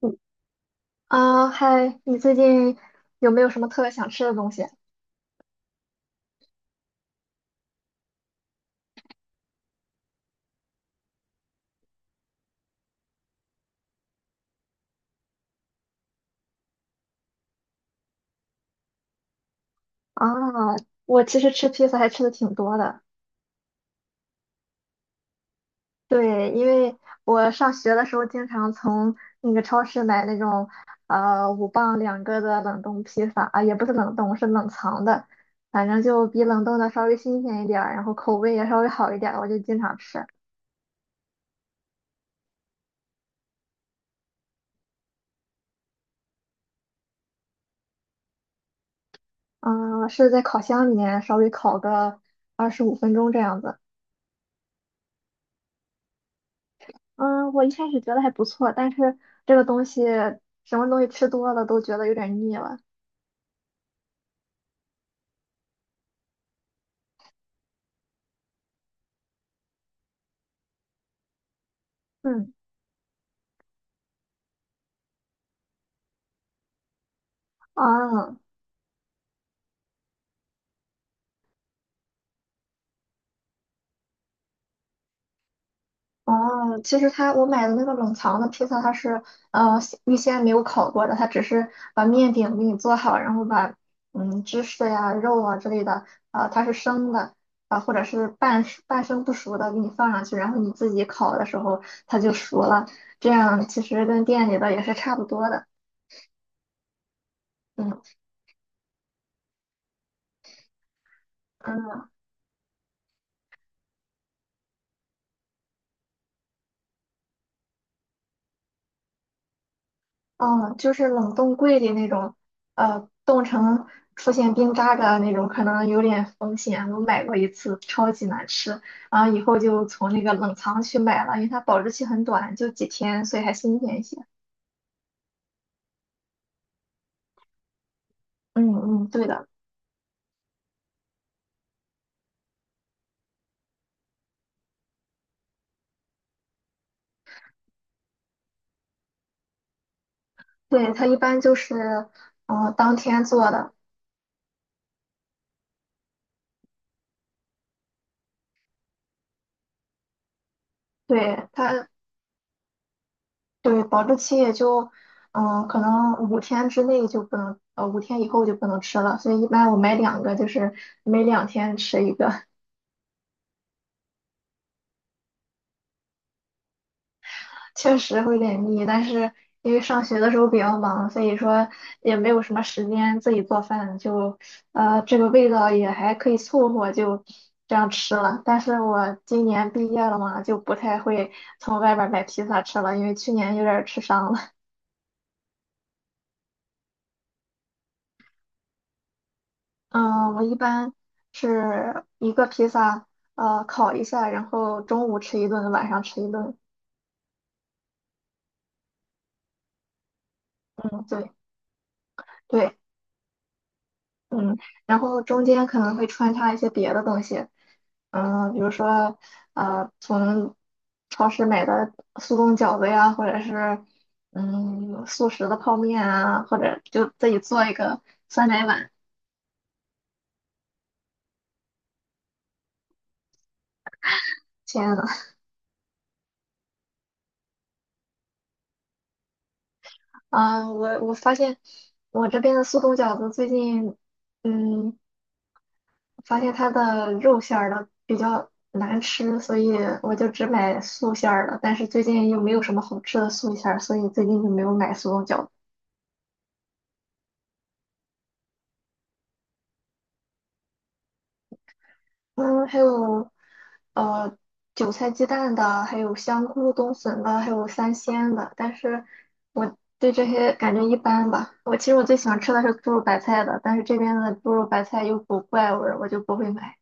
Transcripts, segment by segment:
嗯啊，嗨，你最近有没有什么特别想吃的东西？啊，我其实吃披萨还吃的挺多的。对，因为我上学的时候经常从那个超市买那种5磅两个的冷冻披萨啊，也不是冷冻，是冷藏的，反正就比冷冻的稍微新鲜一点儿，然后口味也稍微好一点儿，我就经常吃。嗯，是在烤箱里面稍微烤个25分钟这样子。嗯，我一开始觉得还不错，但是这个东西什么东西吃多了都觉得有点腻了。嗯，啊，哦，其实它我买的那个冷藏的披萨，它是呃预先没有烤过的，它只是把面饼给你做好，然后把芝士呀、肉啊之类的，啊、它是生的，啊、或者是半熟半生不熟的给你放上去，然后你自己烤的时候它就熟了，这样其实跟店里的也是差不多的。嗯嗯，就是冷冻柜里那种，呃，冻成出现冰渣渣的那种，可能有点风险。我买过1次，超级难吃，然后以后就从那个冷藏去买了，因为它保质期很短，就几天，所以还新鲜一些。嗯嗯，对的，对，它一般就是，当天做的，对它，对，保质期也就，可能五天之内就不能，五天以后就不能吃了，所以一般我买两个，就是每两天吃一个。确实会有点腻，但是因为上学的时候比较忙，所以说也没有什么时间自己做饭，就这个味道也还可以凑合，就这样吃了。但是我今年毕业了嘛，就不太会从外边儿买披萨吃了，因为去年有点儿吃伤了。嗯，我一般是1个披萨，烤一下，然后中午吃一顿，晚上吃一顿。嗯，对对，嗯，然后中间可能会穿插一些别的东西。嗯，比如说，从超市买的速冻饺子呀，或者是速食的泡面啊，或者就自己做一个酸奶碗。天呐，啊，我发现我这边的速冻饺子最近，嗯，发现它的肉馅儿的比较难吃，所以我就只买素馅儿的。但是最近又没有什么好吃的素馅儿，所以最近就没有买速冻饺子。嗯，还有呃韭菜鸡蛋的，还有香菇冬笋的，还有三鲜的。但是我对这些感觉一般吧。我其实我最喜欢吃的是猪肉白菜的，但是这边的猪肉白菜有股怪味儿，我就不会买。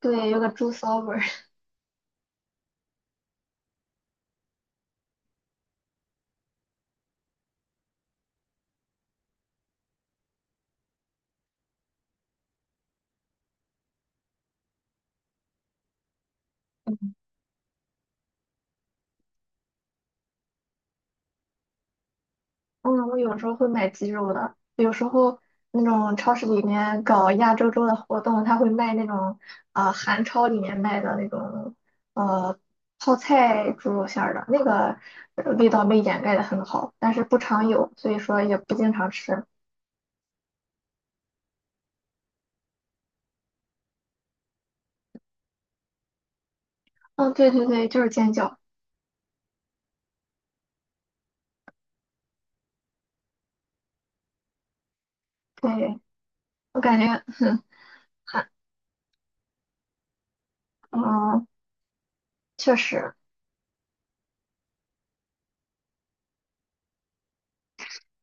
对，有个猪骚味儿。嗯，我有时候会买鸡肉的，有时候那种超市里面搞亚洲周的活动，他会卖那种啊，韩超里面卖的那种呃泡菜猪肉馅儿的，那个味道被掩盖的很好，但是不常有，所以说也不经常吃。嗯，对对对，就是煎饺。对，我感觉韩，嗯，确实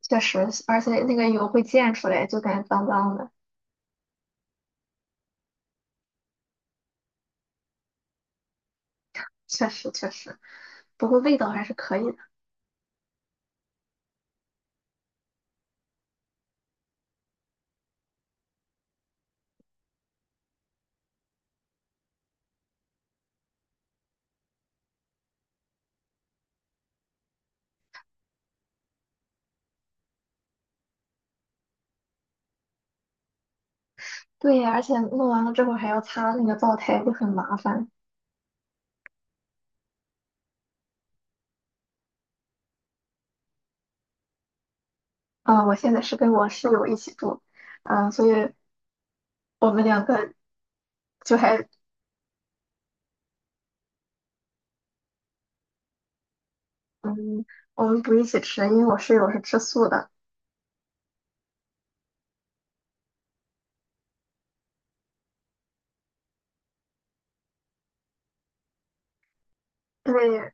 确实，而且那个油会溅出来，就感觉脏脏的，确实确实，不过味道还是可以的。对呀，而且弄完了之后还要擦那个灶台，就很麻烦。啊、我现在是跟我室友一起住，啊、所以我们两个就还，嗯，我们不一起吃，因为我室友是吃素的，因为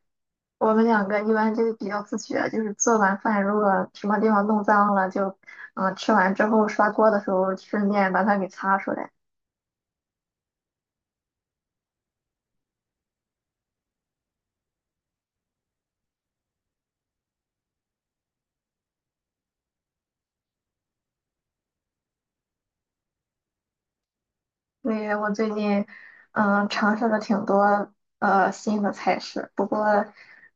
我们两个一般就比较自觉，就是做完饭如果什么地方弄脏了，就，吃完之后刷锅的时候顺便把它给擦出来。所以我最近尝试了挺多新的菜式，不过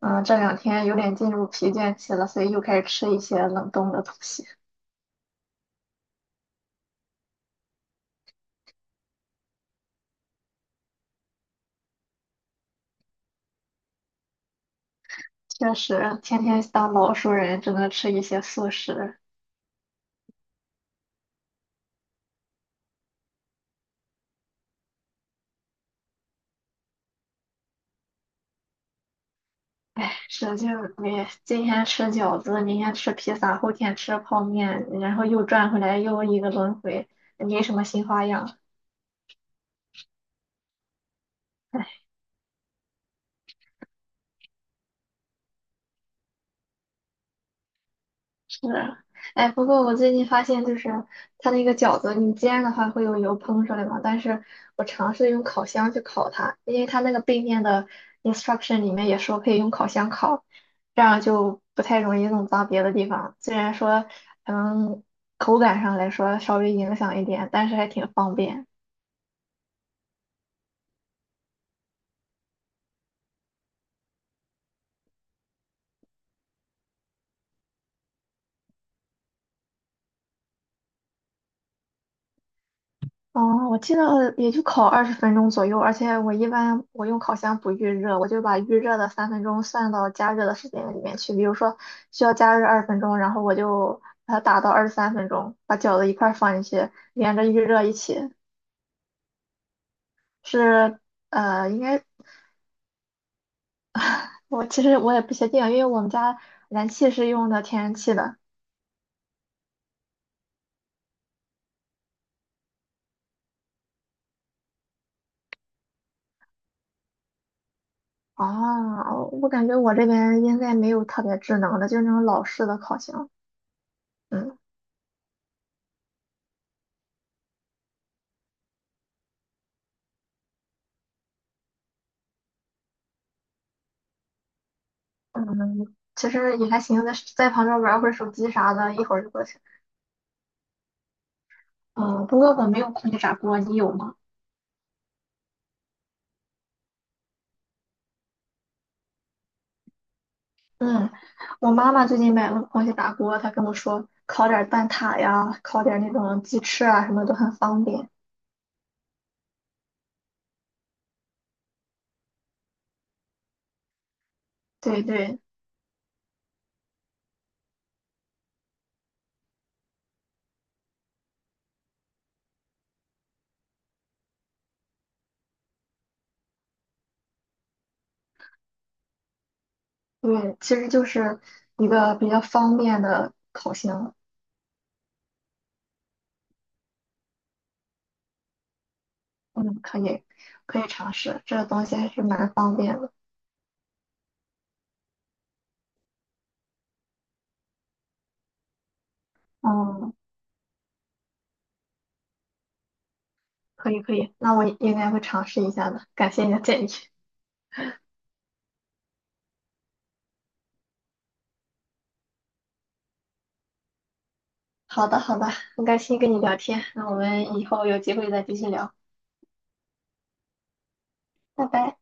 这两天有点进入疲倦期了，所以又开始吃一些冷冻的东西。确实，天天当老熟人，只能吃一些素食。唉，使劲儿，你今天吃饺子，明天吃披萨，后天吃泡面，然后又转回来又一个轮回，没什么新花样。是，哎，不过我最近发现，就是它那个饺子，你煎的话会有油喷出来嘛，但是我尝试用烤箱去烤它，因为它那个背面的 instruction 里面也说可以用烤箱烤，这样就不太容易弄脏别的地方。虽然说，嗯，口感上来说稍微影响一点，但是还挺方便。哦，我记得也就烤二十分钟左右，而且我一般我用烤箱不预热，我就把预热的三分钟算到加热的时间里面去。比如说需要加热二十分钟，然后我就把它打到23分钟，把饺子一块儿放进去，连着预热一起。是，应该我其实我也不确定，因为我们家燃气是用的天然气的。哦，我感觉我这边应该没有特别智能的，就是那种老式的烤箱。嗯。嗯，其实也还行，在旁边玩会儿手机啥的，一会儿就过去了。嗯，不过我没有空气炸锅，你有吗？嗯，我妈妈最近买了个空气炸锅，她跟我说烤点儿蛋挞呀，烤点儿那种鸡翅啊，什么都很方便。对对对，其实就是一个比较方便的烤箱。嗯，可以可以尝试，这个东西还是蛮方便的。嗯，可以可以，那我应该会尝试一下的，感谢你的建议。好的，好的，很开心跟你聊天，那我们以后有机会再继续聊，拜拜。